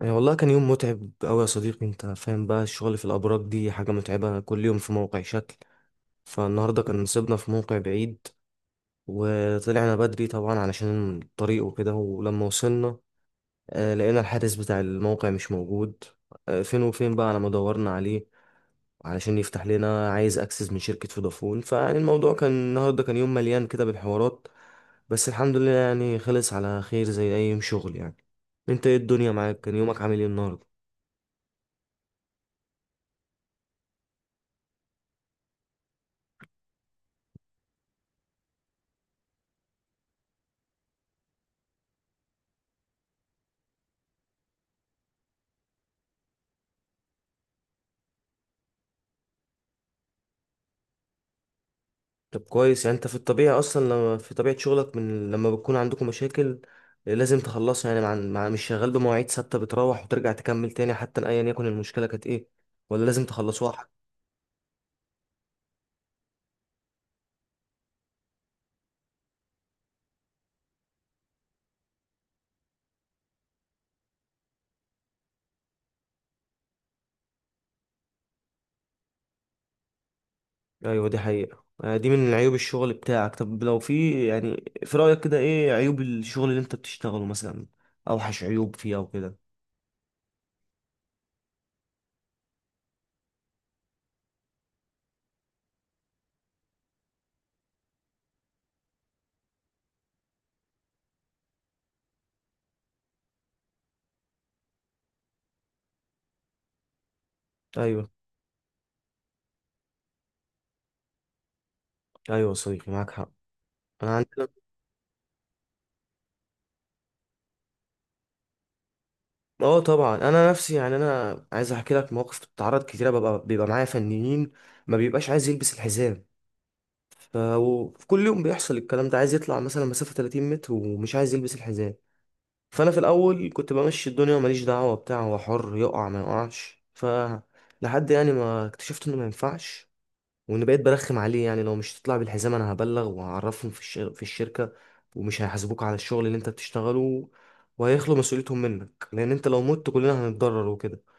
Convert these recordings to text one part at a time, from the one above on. يعني والله كان يوم متعب أوي يا صديقي، أنت فاهم بقى الشغل في الأبراج دي حاجة متعبة، كل يوم في موقع شكل. فالنهاردة كان نصيبنا في موقع بعيد، وطلعنا بدري طبعا علشان الطريق وكده. ولما وصلنا لقينا الحارس بتاع الموقع مش موجود. فين وفين بقى على ما دورنا عليه علشان يفتح لنا. عايز أكسس من شركة فودافون. فيعني الموضوع كان النهاردة كان يوم مليان كده بالحوارات. بس الحمد لله يعني خلص على خير زي أي يوم شغل يعني. أنت إيه الدنيا معاك؟ كان يومك عامل إيه النهاردة؟ طب كويس. يعني انت في الطبيعي اصلا لما في طبيعة شغلك، من لما بتكون عندكم مشاكل لازم تخلصها يعني مع مش شغال بمواعيد ثابتة، بتروح وترجع تكمل تاني حتى ايا يكن المشكلة كانت ايه، ولا لازم تخلصوها؟ ايوه دي حقيقة. دي من عيوب الشغل بتاعك. طب لو في يعني في رأيك كده ايه عيوب الشغل اللي انت بتشتغله مثلا؟ اوحش عيوب فيه او كده؟ ايوه، ايوه يا صديقي معاك حق. انا عندنا. اه طبعا، انا نفسي يعني انا عايز احكي لك مواقف بتتعرض كتيرة. بيبقى معايا فنيين ما بيبقاش عايز يلبس الحزام. وفي كل يوم بيحصل الكلام ده، عايز يطلع مثلا مسافة 30 متر ومش عايز يلبس الحزام. فأنا في الأول كنت بمشي الدنيا وماليش دعوة بتاع، هو حر يقع ما يقعش. ف لحد يعني ما اكتشفت إنه ما ينفعش، وإن بقيت برخم عليه يعني لو مش تطلع بالحزام أنا هبلغ وهعرفهم في الشركة. ومش هيحاسبوك على الشغل اللي أنت بتشتغله، وهيخلوا مسؤوليتهم منك، لأن أنت لو مت كلنا هنتضرر وكده.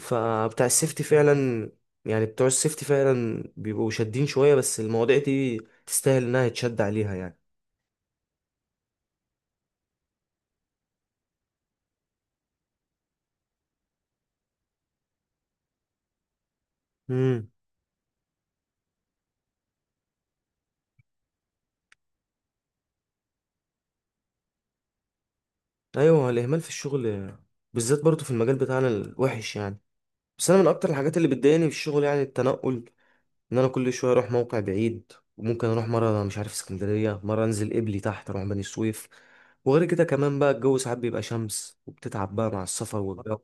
فبتاع السيفتي فعلا، يعني بتوع السيفتي فعلا بيبقوا شادين شوية، بس المواضيع دي تستاهل انها يتشد عليها يعني. امم ايوه، الاهمال في الشغل بالذات برضه في المجال بتاعنا الوحش يعني. بس انا من اكتر الحاجات اللي بتضايقني في الشغل يعني التنقل، ان انا كل شوية اروح موقع بعيد. وممكن اروح مرة مش عارف اسكندرية، مرة انزل قبلي تحت اروح بني سويف. وغير كده كمان بقى الجو ساعات بيبقى شمس وبتتعب بقى مع السفر والجو.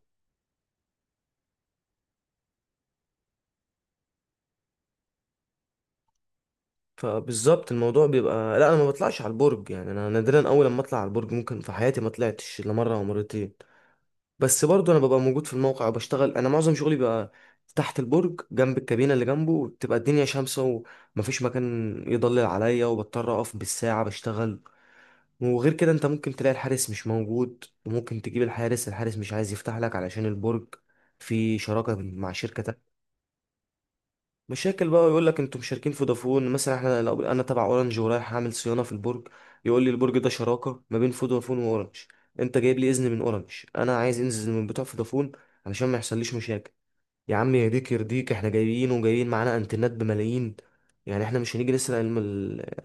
فبالظبط الموضوع بيبقى، لا انا ما بطلعش على البرج يعني انا نادرا، اول لما اطلع على البرج ممكن في حياتي ما طلعتش الا مره او مرتين. بس برضو انا ببقى موجود في الموقع وبشتغل. انا معظم شغلي بيبقى تحت البرج جنب الكابينه، اللي جنبه بتبقى الدنيا شمسه ومفيش مكان يضلل عليا، وبضطر اقف بالساعه بشتغل. وغير كده انت ممكن تلاقي الحارس مش موجود، وممكن تجيب الحارس، الحارس مش عايز يفتح لك علشان البرج في شراكه مع شركه. مشاكل بقى، يقول لك انتوا مشاركين في فودافون مثلا. احنا لو انا تبع اورنج ورايح اعمل صيانه في البرج، يقول لي البرج ده شراكه ما بين فودافون واورنج، انت جايب لي اذن من اورنج، انا عايز انزل من بتوع فودافون علشان ما يحصليش مشاكل. يا عم يهديك يرضيك، احنا جايين وجايين معانا انترنت بملايين، يعني احنا مش هنيجي نسرق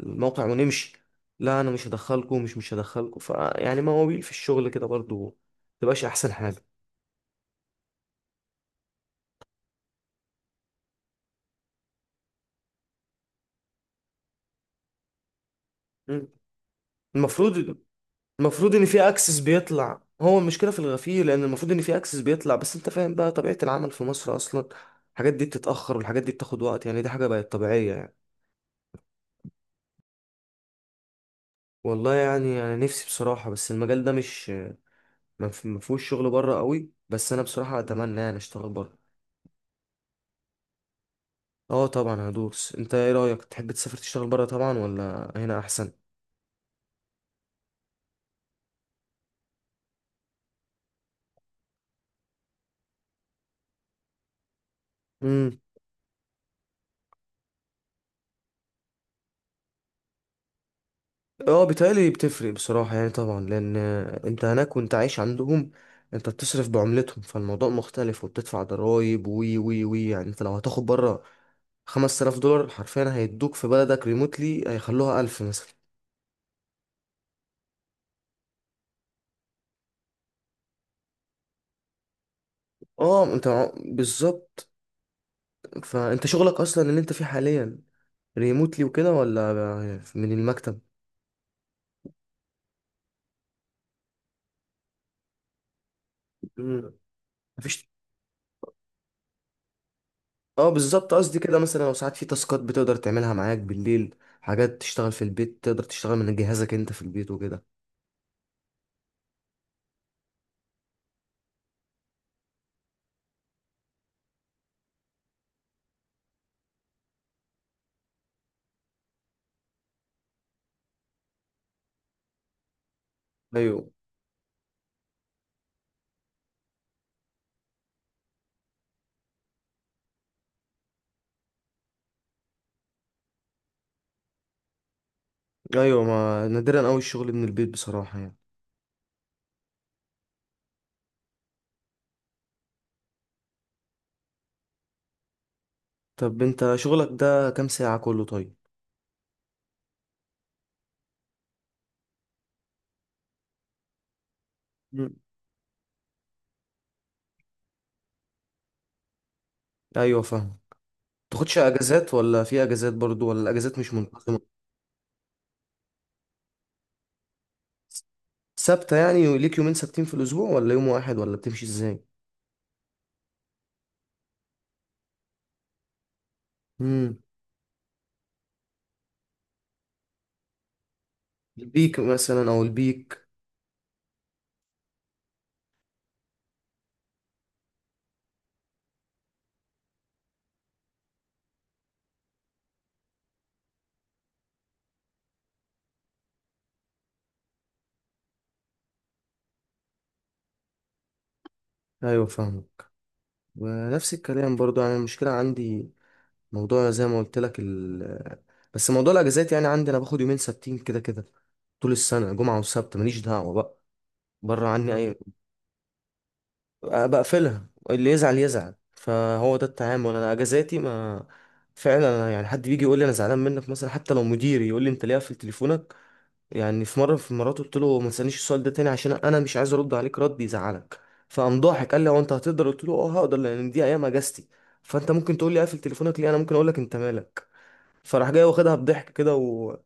الموقع ونمشي. لا انا مش هدخلكم مش هدخلكم. فيعني مواويل في الشغل كده برضو، متبقاش احسن حاجه. مم. المفروض، المفروض ان في اكسس بيطلع. هو المشكله في الغفير، لان المفروض ان في اكسس بيطلع. بس انت فاهم بقى طبيعه العمل في مصر اصلا، الحاجات دي بتتاخر والحاجات دي بتاخد وقت يعني دي حاجه بقت طبيعيه يعني. والله يعني انا نفسي بصراحه، بس المجال ده مش ما فيهوش شغل بره قوي. بس انا بصراحه اتمنى يعني اشتغل بره. اه طبعا هدوس. انت ايه رايك؟ تحب تسافر تشتغل بره، طبعا، ولا هنا احسن؟ اه بيتهيألي بتفرق بصراحة يعني طبعا، لأن أنت هناك وأنت عايش عندهم، أنت بتصرف بعملتهم فالموضوع مختلف. وبتدفع ضرايب وي وي وي. يعني أنت لو هتاخد بره 5000 دولار، حرفيا هيدوك في بلدك ريموتلي هيخلوها 1000 مثلا. اه أنت بالظبط. فأنت شغلك أصلا اللي أنت فيه حاليا ريموتلي وكده، ولا من المكتب؟ مم. مفيش. اه بالظبط قصدي كده، مثلا لو ساعات في تاسكات بتقدر تعملها معاك بالليل، حاجات تشتغل في البيت، تقدر تشتغل من جهازك انت في البيت وكده. ايوه، ايوه، ما نادرا قوي الشغل من البيت بصراحه يعني. طب انت شغلك ده كام ساعه كله طيب؟ مم. ايوه فاهم. تاخدش اجازات؟ ولا في اجازات برضو؟ ولا الاجازات مش منتظمه؟ ثابته يعني؟ ليك يومين ثابتين في الاسبوع، ولا يوم واحد، ولا بتمشي ازاي؟ امم البيك مثلا، او البيك؟ ايوه فاهم. ونفس الكلام برضو يعني المشكله عندي. موضوع زي ما قلت لك بس موضوع الاجازات يعني عندي، انا باخد يومين ثابتين كده كده طول السنه، جمعه وسبت، ماليش دعوه بقى، بره عني اي، بقفلها، اللي يزعل يزعل. فهو ده التعامل. انا اجازاتي ما... فعلا. أنا يعني حد بيجي يقول لي انا زعلان منك مثلا، حتى لو مديري يقول لي انت ليه قافل تليفونك. يعني في مره، في المرات، قلت له ما تسالنيش السؤال ده تاني عشان انا مش عايز ارد عليك رد يزعلك. فقام ضاحك قال لي هو انت هتقدر؟ قلت له اه هقدر، لان دي ايام اجازتي. فانت ممكن تقول لي قافل تليفونك ليه، انا ممكن اقول لك انت مالك. فراح جاي واخدها بضحك كده و...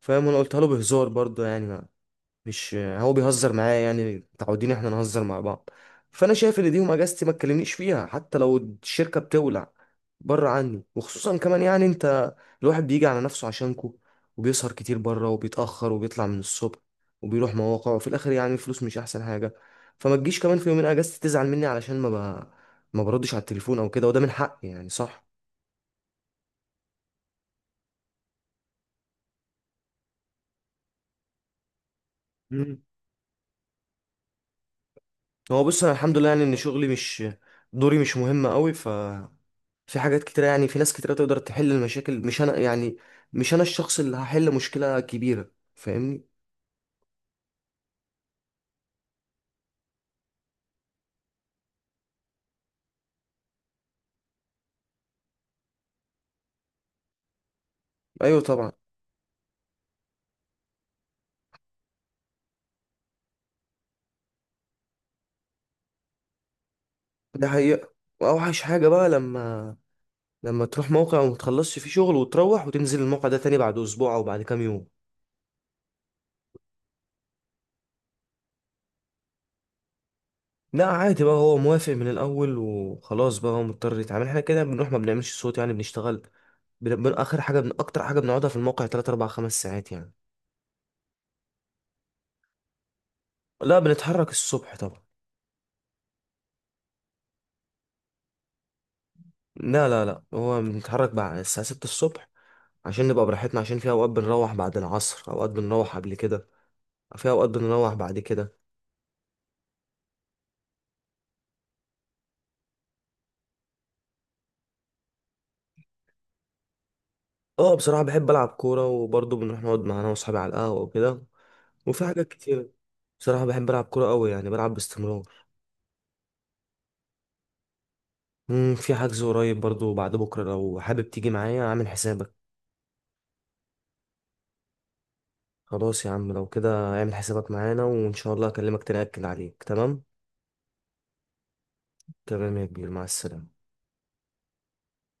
فاهم، انا قلتها له بهزار برضه يعني، مش هو بيهزر معايا، يعني متعودين احنا نهزر مع بعض. فانا شايف ان دي يوم اجازتي ما تكلمنيش فيها حتى لو الشركه بتولع. بره عني. وخصوصا كمان يعني انت الواحد بيجي على نفسه عشانكو، وبيسهر كتير بره وبيتاخر وبيطلع من الصبح وبيروح مواقع، وفي الاخر يعني الفلوس مش احسن حاجه. فما تجيش كمان في يومين اجازتي تزعل مني علشان ما بردش على التليفون او كده. وده من حقي يعني، صح؟ مم. هو بص انا الحمد لله يعني ان شغلي مش دوري مش مهم قوي. ف في حاجات كتيرة، يعني في ناس كتيرة تقدر تحل المشاكل مش أنا يعني، مش أنا الشخص اللي هحل مشكلة كبيرة، فاهمني. أيوة طبعا. ده حقيقة. وأوحش حاجة بقى لما تروح موقع وما تخلصش فيه شغل، وتروح وتنزل الموقع ده تاني بعد أسبوع أو بعد كام يوم. لا عادي بقى، هو موافق من الأول وخلاص بقى، هو مضطر يتعامل. احنا كده بنروح ما بنعملش صوت يعني بنشتغل. آخر حاجة أكتر حاجة بنقعدها في الموقع تلات أربع خمس ساعات يعني. لا بنتحرك الصبح طبعا. لا لا لا، هو بنتحرك بعد الساعة ستة الصبح عشان نبقى براحتنا. عشان في اوقات بنروح بعد العصر، اوقات بنروح قبل كده، في اوقات بنروح بعد كده. اه بصراحة بحب العب كورة. وبرضه بنروح نقعد مع انا واصحابي على القهوة وكده، وفي حاجات كتير. بصراحة بحب العب كورة قوي يعني بلعب باستمرار. في حجز قريب برضه بعد بكرة، لو حابب تيجي معايا اعمل حسابك. خلاص يا عم لو كده اعمل حسابك معانا، وان شاء الله اكلمك تاني اكد عليك، تمام. تمام يا كبير، مع السلامة.